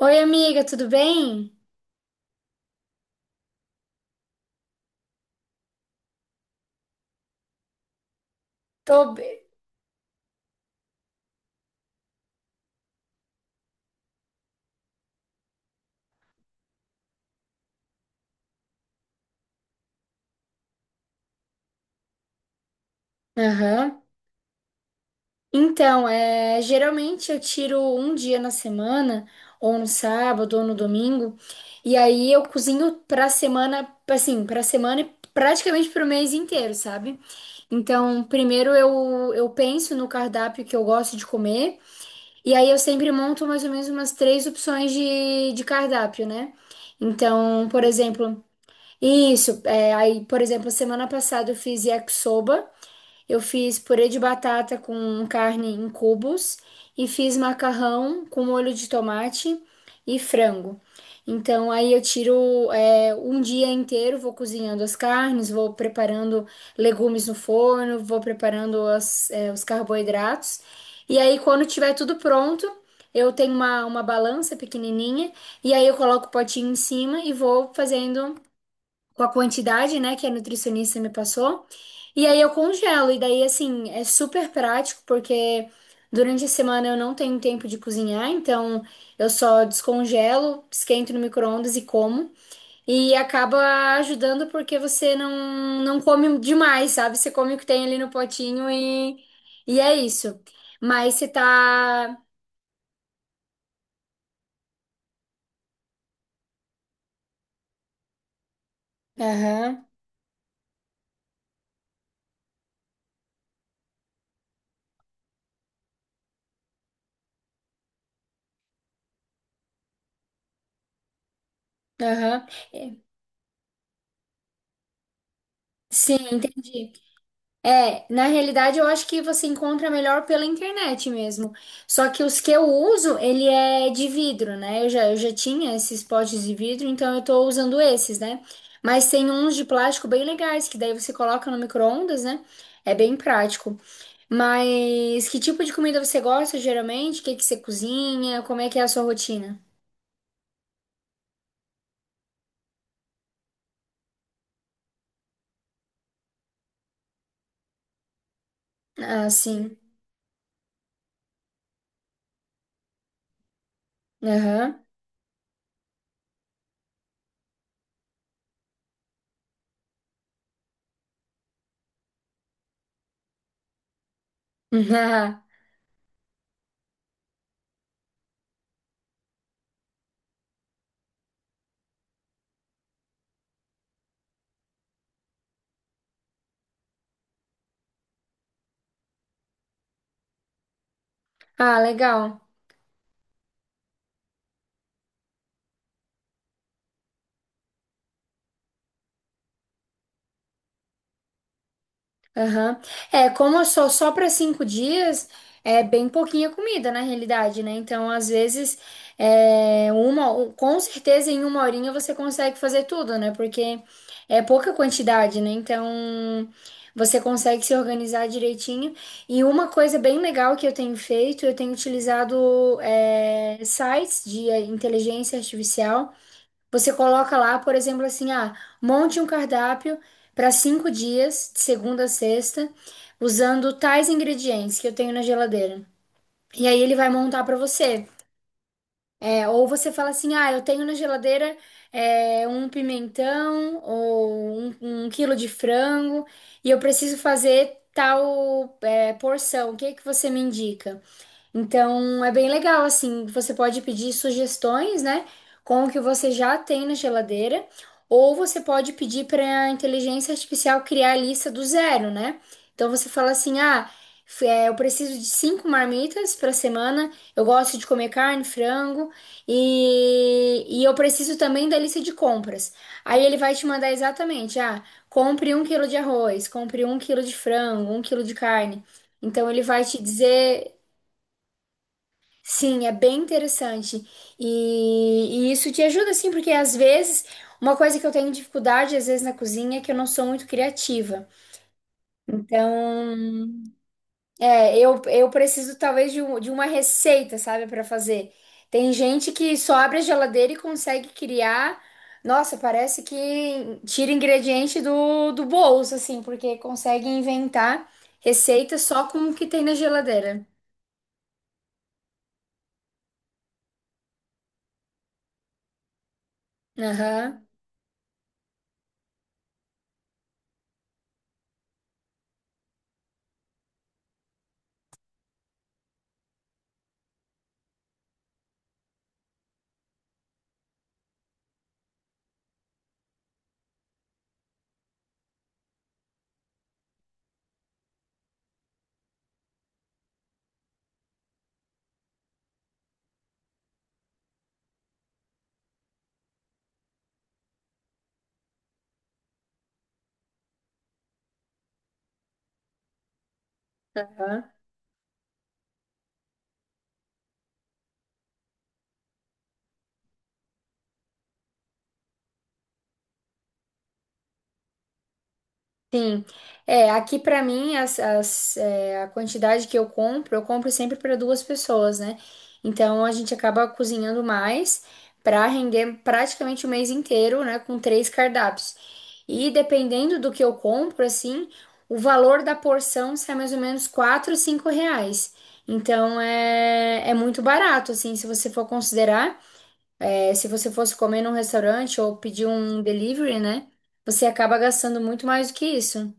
Oi, amiga, tudo bem? Tô bem. Aham. Então, geralmente eu tiro um dia na semana, ou no sábado, ou no domingo, e aí eu cozinho pra semana, assim, pra semana e praticamente pro mês inteiro, sabe? Então, primeiro eu penso no cardápio que eu gosto de comer, e aí eu sempre monto mais ou menos umas três opções de cardápio, né? Então, por exemplo, isso, é, aí, por exemplo, semana passada eu fiz yakisoba. Eu fiz purê de batata com carne em cubos e fiz macarrão com molho de tomate e frango. Então, aí eu tiro um dia inteiro, vou cozinhando as carnes, vou preparando legumes no forno, vou preparando os carboidratos. E aí, quando tiver tudo pronto, eu tenho uma balança pequenininha e aí eu coloco o potinho em cima e vou fazendo com a quantidade, né, que a nutricionista me passou. E aí eu congelo. E daí, assim, é super prático, porque durante a semana eu não tenho tempo de cozinhar, então eu só descongelo, esquento no micro-ondas e como. E acaba ajudando porque você não, não come demais, sabe? Você come o que tem ali no potinho e é isso. Mas você tá. Aham, aham. É, sim, entendi. É, na realidade eu acho que você encontra melhor pela internet mesmo. Só que os que eu uso, ele é de vidro, né? Eu já tinha esses potes de vidro, então eu tô usando esses, né? Mas tem uns de plástico bem legais, que daí você coloca no micro-ondas, né? É bem prático. Mas que tipo de comida você gosta geralmente? O que que você cozinha? Como é que é a sua rotina? Ah, sim. Aham. Ah, legal. Aham. É, como eu sou só para 5 dias, é bem pouquinha comida na realidade, né? Então, às vezes, com certeza em uma horinha você consegue fazer tudo, né? Porque é pouca quantidade, né? Então, você consegue se organizar direitinho. E uma coisa bem legal que eu tenho feito, eu tenho utilizado, é, sites de inteligência artificial. Você coloca lá, por exemplo, assim, ah, monte um cardápio para 5 dias, de segunda a sexta, usando tais ingredientes que eu tenho na geladeira. E aí ele vai montar para você. É, ou você fala assim, ah, eu tenho na geladeira um pimentão ou 1 quilo de frango e eu preciso fazer tal porção. O que é que você me indica? Então é bem legal, assim, você pode pedir sugestões, né, com o que você já tem na geladeira, ou você pode pedir para a inteligência artificial criar a lista do zero, né? Então você fala assim: ah, eu preciso de 5 marmitas para semana, eu gosto de comer carne, frango, e eu preciso também da lista de compras. Aí ele vai te mandar exatamente: ah, compre 1 quilo de arroz, compre 1 quilo de frango, 1 quilo de carne. Então ele vai te dizer. Sim, é bem interessante. E isso te ajuda, sim, porque às vezes uma coisa que eu tenho dificuldade, às vezes, na cozinha é que eu não sou muito criativa. Então, eu preciso talvez de uma receita, sabe, para fazer. Tem gente que só abre a geladeira e consegue criar. Nossa, parece que tira ingrediente do bolso, assim, porque consegue inventar receita só com o que tem na geladeira. Aham. Aham. É, aqui pra mim a quantidade que eu compro sempre para duas pessoas, né? Então a gente acaba cozinhando mais pra render praticamente o mês inteiro, né? Com três cardápios. E dependendo do que eu compro, assim, o valor da porção sai mais ou menos R$ 4, R$ 5. Então é, é muito barato, assim, se você for considerar. É, se você fosse comer num restaurante ou pedir um delivery, né? Você acaba gastando muito mais do que isso.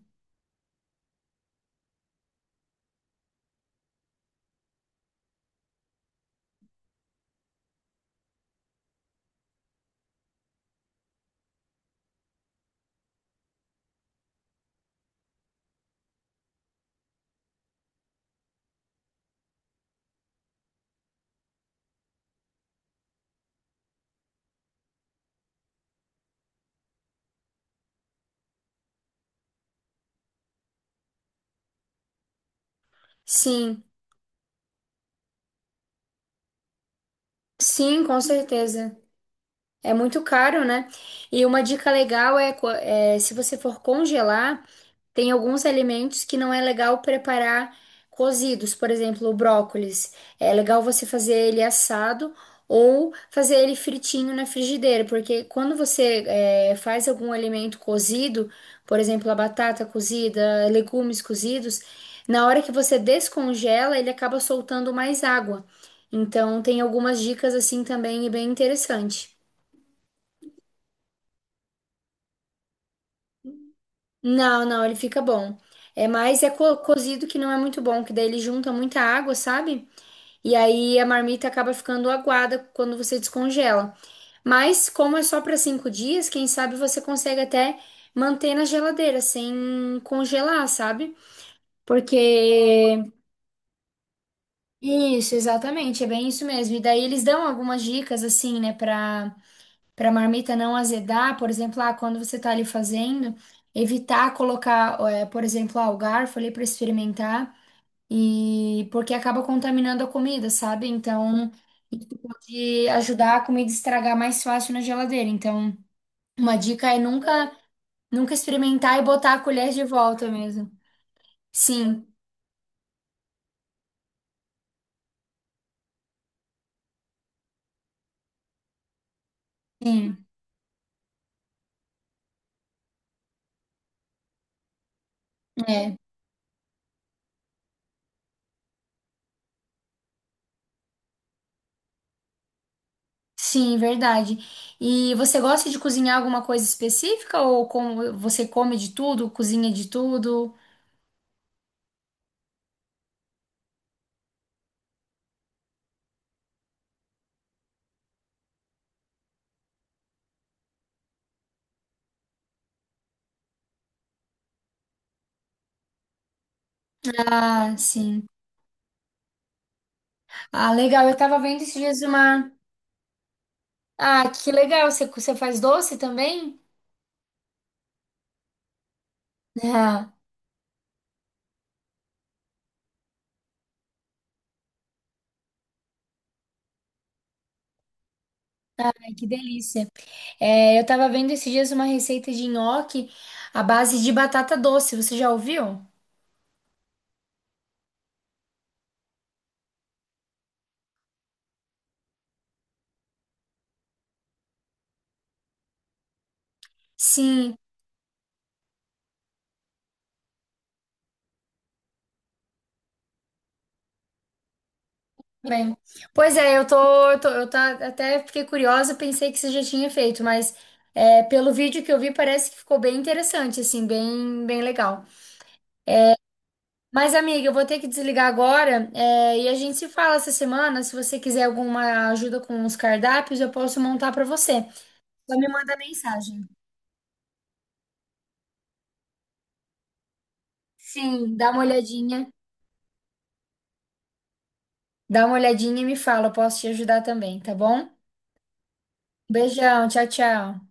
Sim. Sim, com certeza. É muito caro, né? E uma dica legal é, se você for congelar. Tem alguns alimentos que não é legal preparar cozidos, por exemplo, o brócolis. É legal você fazer ele assado ou fazer ele fritinho na frigideira, porque quando você faz algum alimento cozido, por exemplo, a batata cozida, legumes cozidos, na hora que você descongela, ele acaba soltando mais água. Então, tem algumas dicas assim também e bem interessante. Não, não, ele fica bom. É mais é cozido que não é muito bom, que daí ele junta muita água, sabe? E aí a marmita acaba ficando aguada quando você descongela. Mas como é só para 5 dias, quem sabe você consegue até manter na geladeira sem congelar, sabe? Porque isso, exatamente, é bem isso mesmo. E daí eles dão algumas dicas assim, né, para a marmita não azedar, por exemplo, ah, quando você está ali fazendo, evitar colocar, por exemplo, ah, o garfo ali para experimentar, e porque acaba contaminando a comida, sabe? Então, isso pode ajudar a comida a estragar mais fácil na geladeira. Então, uma dica é nunca, nunca experimentar e botar a colher de volta mesmo. Sim, sim, é. Sim, verdade. E você gosta de cozinhar alguma coisa específica ou como você come de tudo, cozinha de tudo? Ah, sim. Ah, legal. Eu tava vendo esses dias uma. Ah, que legal. Você, você faz doce também? Ah, ai, que delícia. É, eu tava vendo esses dias uma receita de nhoque à base de batata doce. Você já ouviu? Sim, bem. Pois é, eu tô, eu tô, eu tá, até fiquei curiosa, pensei que você já tinha feito, mas é, pelo vídeo que eu vi, parece que ficou bem interessante, assim, bem, bem legal. Mas, amiga, eu vou ter que desligar agora, é, e a gente se fala essa semana. Se você quiser alguma ajuda com os cardápios, eu posso montar para você. Só me manda mensagem. Sim, dá uma olhadinha e me fala, eu posso te ajudar também, tá bom? Beijão, tchau, tchau.